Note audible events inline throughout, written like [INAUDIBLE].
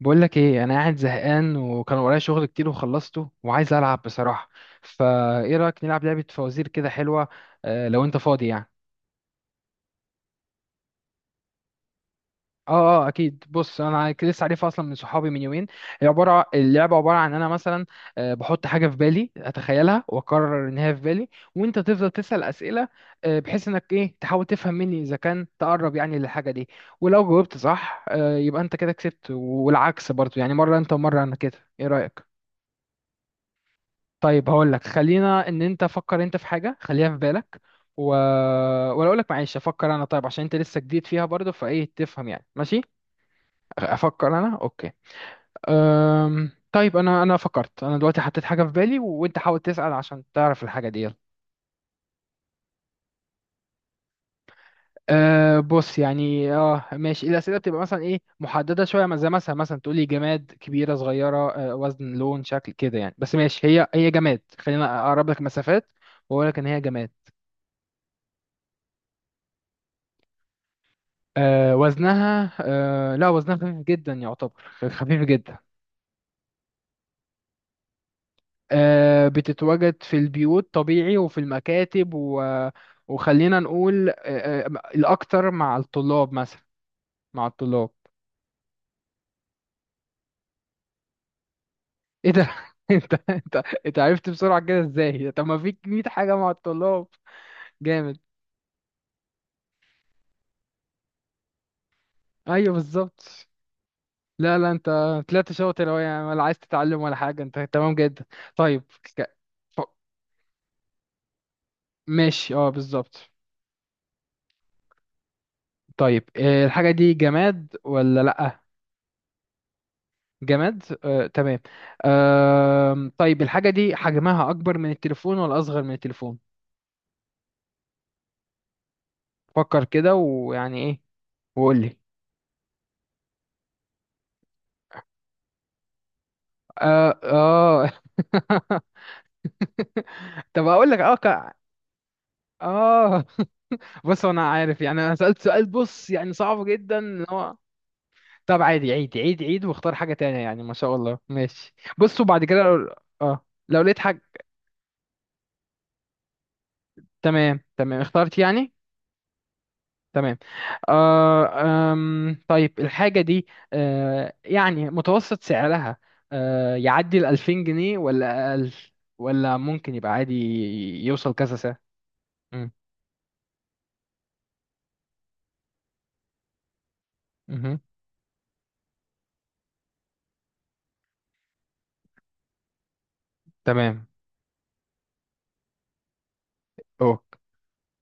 بقول لك ايه، انا قاعد زهقان وكان ورايا شغل كتير وخلصته وعايز العب بصراحه. فايه رايك نلعب لعبه فوازير كده حلوه؟ آه لو انت فاضي يعني. اه اكيد، بص، انا لسه عارفها اصلا من صحابي من يومين. هي عباره، اللعبه عباره عن انا مثلا، آه، بحط حاجه في بالي، اتخيلها واقرر ان هي في بالي، وانت تفضل تسال اسئله، آه، بحيث انك ايه، تحاول تفهم مني اذا كان تقرب يعني للحاجه دي، ولو جاوبت صح آه يبقى انت كده كسبت، والعكس برضو يعني، مره انت ومره انا. كده ايه رايك؟ طيب هقول لك، خلينا ان انت فكر انت في حاجه، خليها في بالك و... ولا اقول لك، معلش افكر انا، طيب عشان انت لسه جديد فيها برضه، فايه تفهم يعني، ماشي افكر انا. اوكي. طيب انا فكرت انا دلوقتي، حطيت حاجه في بالي، وانت حاول تسال عشان تعرف الحاجه دي، يلا. أه بص، يعني اه ماشي، الاسئله بتبقى مثلا ايه، محدده شويه، زي مثلا تقولي جماد، كبيره صغيره، أه، وزن، لون، شكل كده يعني، بس ماشي، هي جماد، خلينا اقرب لك مسافات واقول لك ان هي جماد. آه وزنها، آه لا وزنها خفيف جدا يعتبر، خفيف جدا. آه بتتواجد في البيوت طبيعي، وفي المكاتب وخلينا نقول آه، آه، الأكتر مع الطلاب مثلا، مع الطلاب. ايه ده؟ [LAUGHS] انت انت انت عرفت بسرعة كده ازاي؟ طب ما فيك 100 حاجة مع الطلاب. جامد. ايوه بالظبط. لا لا، انت طلعت شاطر أوي يعني، ولا عايز تتعلم ولا حاجة، انت تمام جدا. طيب. ك- ف- ماشي اه بالظبط. طيب آه، الحاجة دي جماد ولا لأ؟ جماد آه، تمام. آم، طيب الحاجة دي حجمها أكبر من التليفون ولا أصغر من التليفون؟ فكر كده ويعني إيه وقول لي. آه. [LAUGHS] طب أقول لك آه آه. [LAUGHS] بص أنا عارف، يعني أنا سألت سؤال، بص يعني صعب جدا إن هو. طب عادي، عيد واختار حاجة تانية، يعني ما شاء الله ماشي. بص، وبعد كده لو آه، لو لقيت حاجة. تمام اخترت يعني. تمام. آه آم، طيب الحاجة دي آه يعني متوسط سعرها آه يعدي ال 2000 جنيه ولا أقل، ولا ممكن يبقى عادي، يوصل كذا سعر. مم، مهم. تمام. أوك.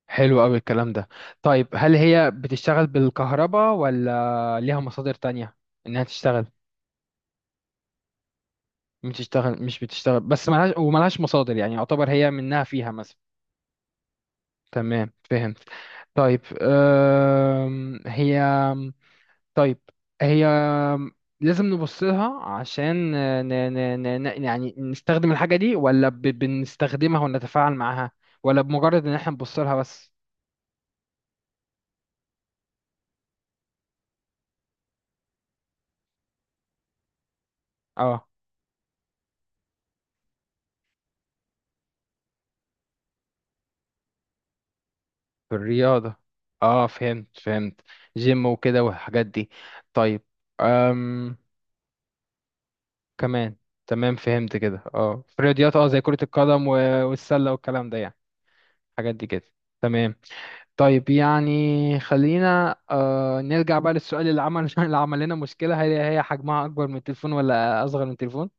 حلو أوي الكلام ده. طيب هل هي بتشتغل بالكهرباء ولا ليها مصادر تانية إنها تشتغل؟ بتشتغل مش بتشتغل، بس ملهاش وملهاش مصادر يعني، يعتبر هي منها فيها مثلا. تمام فهمت. طيب آم، هي، طيب هي لازم نبص لها عشان يعني نستخدم الحاجة دي، ولا بنستخدمها ونتفاعل معاها، ولا بمجرد ان احنا نبص لها بس؟ اه، في الرياضة. اه فهمت فهمت، جيم وكده والحاجات دي. طيب. أم... كمان. تمام فهمت كده، اه في الرياضيات، اه زي كرة القدم والسلة والكلام ده يعني، الحاجات دي كده. تمام. طيب يعني خلينا آه نرجع بقى للسؤال اللي عمل [LAUGHS] اللي عمل لنا مشكلة، هل هي حجمها أكبر من التليفون ولا أصغر من التليفون؟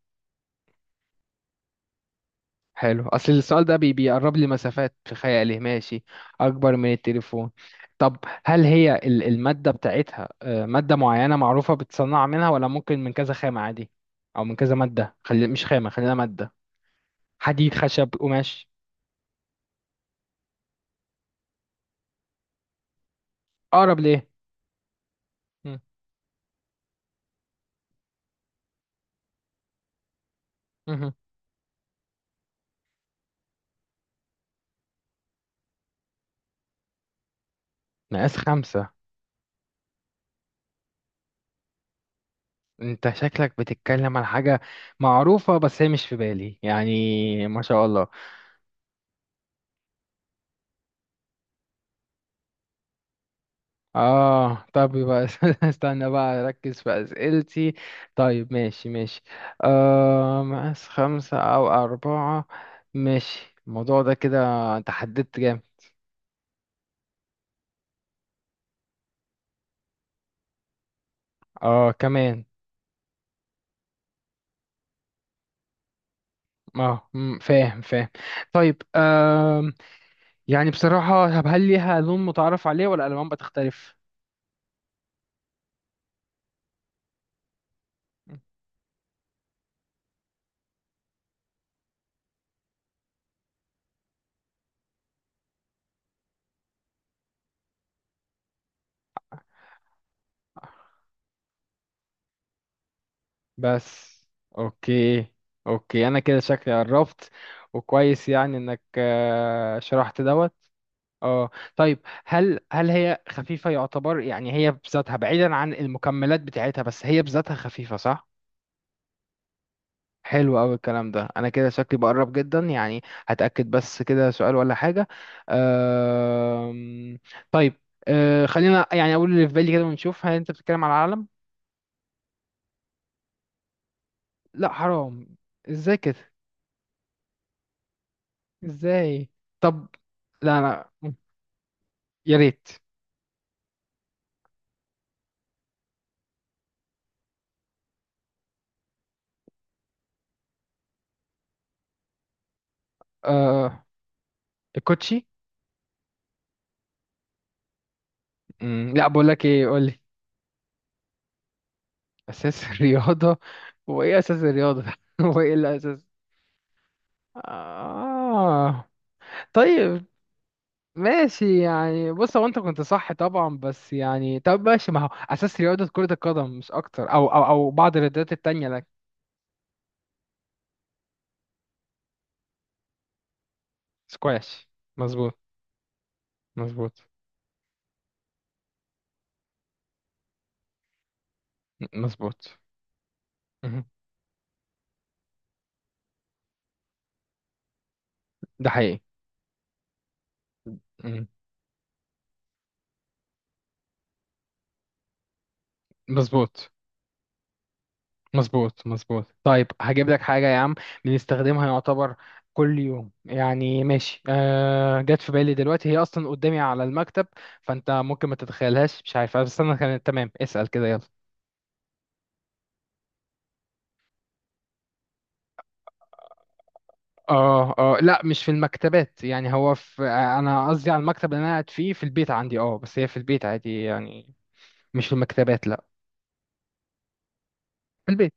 حلو، أصل السؤال ده بي بيقرب لي مسافات في خيالي، ماشي. أكبر من التليفون. طب هل هي المادة بتاعتها آه مادة معينة معروفة بتصنع منها، ولا ممكن من كذا خامة عادي، أو من كذا مادة، خلي مش خامة خلينا مادة، حديد، خشب، قماش؟ أقرب ليه؟ مم. مهم. مقاس 5. انت شكلك بتتكلم عن حاجة معروفة بس هي مش في بالي يعني، ما شاء الله. اه طب يبقى [LAUGHS] استنى بقى اركز في اسئلتي. طيب ماشي ماشي، آه مقاس 5 او 4، ماشي الموضوع ده كده، انت حددت جامد. اه كمان. اه مم، فاهم فاهم. طيب آه يعني بصراحة، طب هل ليها لون متعارف عليه ولا الالوان بتختلف؟ بس. اوكي، اوكي انا كده شكلي قربت، وكويس يعني انك آه شرحت دوت. اه. طيب هل هي خفيفة يعتبر، يعني هي بذاتها بعيدا عن المكملات بتاعتها، بس هي بذاتها خفيفة صح؟ حلو قوي الكلام ده، انا كده شكلي بقرب جدا يعني. هتأكد بس كده سؤال ولا حاجة. أم... طيب أه خلينا يعني اقول اللي في بالي كده ونشوف، هل انت بتتكلم على العالم؟ لا حرام. ازاي كده؟ ازاي؟ طب لا انا، يا ريت. آه الكوتشي. مم، لا بقول لك ايه قول لي. اساس [LAUGHS] الرياضه، هو ايه اساس الرياضه ده؟ [LAUGHS] هو ايه الاساس؟ آه. طيب ماشي، يعني بص هو انت كنت صح طبعا، بس يعني طب ماشي، ما هو اساس رياضه كره القدم مش اكتر، او بعض الرياضات التانية لك. سكواش. مظبوط، مظبوط، مظبوط. مهم. ده حقيقي. مهم. مظبوط، مظبوط، مظبوط. طيب هجيب لك حاجة يا عم، بنستخدمها يعتبر كل يوم يعني، ماشي آه جت في بالي دلوقتي، هي أصلا قدامي على المكتب، فأنت ممكن ما تتخيلهاش، مش عارف بس أنا كانت تمام اسأل كده، يلا. اه لا مش في المكتبات، يعني هو في آه، أنا قصدي على المكتب اللي أنا قاعد فيه في البيت عندي، اه بس هي في البيت عادي يعني، مش في المكتبات، لا. في البيت.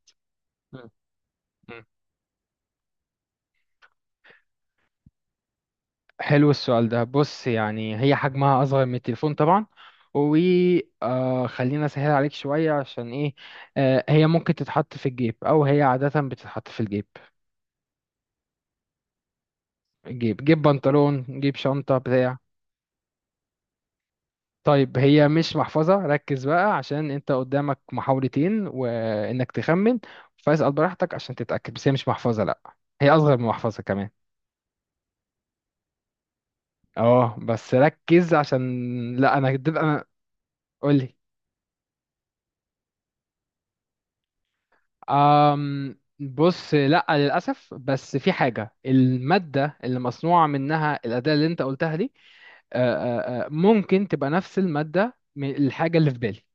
حلو السؤال ده، بص يعني هي حجمها أصغر من التليفون طبعا، وخلينا أسهل عليك شوية عشان إيه، آه هي ممكن تتحط في الجيب، أو هي عادة بتتحط في الجيب، جيب بنطلون، جيب شنطة بتاع. طيب هي مش محفظة، ركز بقى عشان أنت قدامك محاولتين وإنك تخمن، فاسأل براحتك عشان تتأكد، بس هي مش محفظة لأ، هي أصغر من محفظة كمان. اه بس ركز عشان، لأ أنا. قولي. أم بص لا للأسف، بس في حاجة، المادة اللي مصنوعة منها الأداة اللي أنت قلتها دي آه، ممكن تبقى نفس المادة من الحاجة اللي في بالي.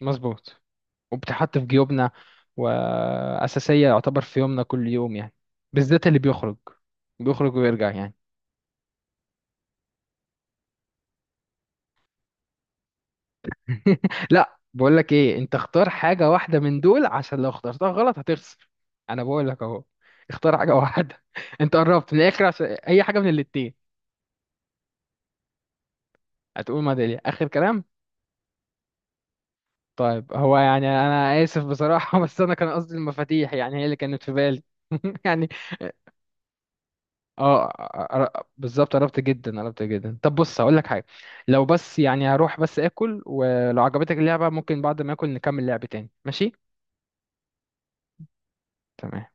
مظبوط. وبتحط في جيوبنا، وأساسية يعتبر في يومنا كل يوم يعني، بالذات اللي بيخرج، بيخرج ويرجع يعني. [LAUGHS] لا بقول لك إيه، أنت اختار حاجة واحدة من دول عشان لو اخترتها غلط هتخسر، أنا بقول لك أهو، اختار حاجة واحدة. [LAUGHS] أنت قربت من الآخر، عشان أي حاجة من الاتنين. هتقول ميدالية آخر كلام؟ طيب هو يعني أنا آسف بصراحة [LAUGHS] بس أنا كان قصدي المفاتيح، يعني هي اللي كانت في بالي. [LAUGHS] يعني اه. بالظبط، قربت جدا قربت جدا. طب بص هقول لك حاجة، لو بس يعني هروح بس آكل، ولو عجبتك اللعبة ممكن بعد ما آكل نكمل لعب تاني، ماشي؟ تمام.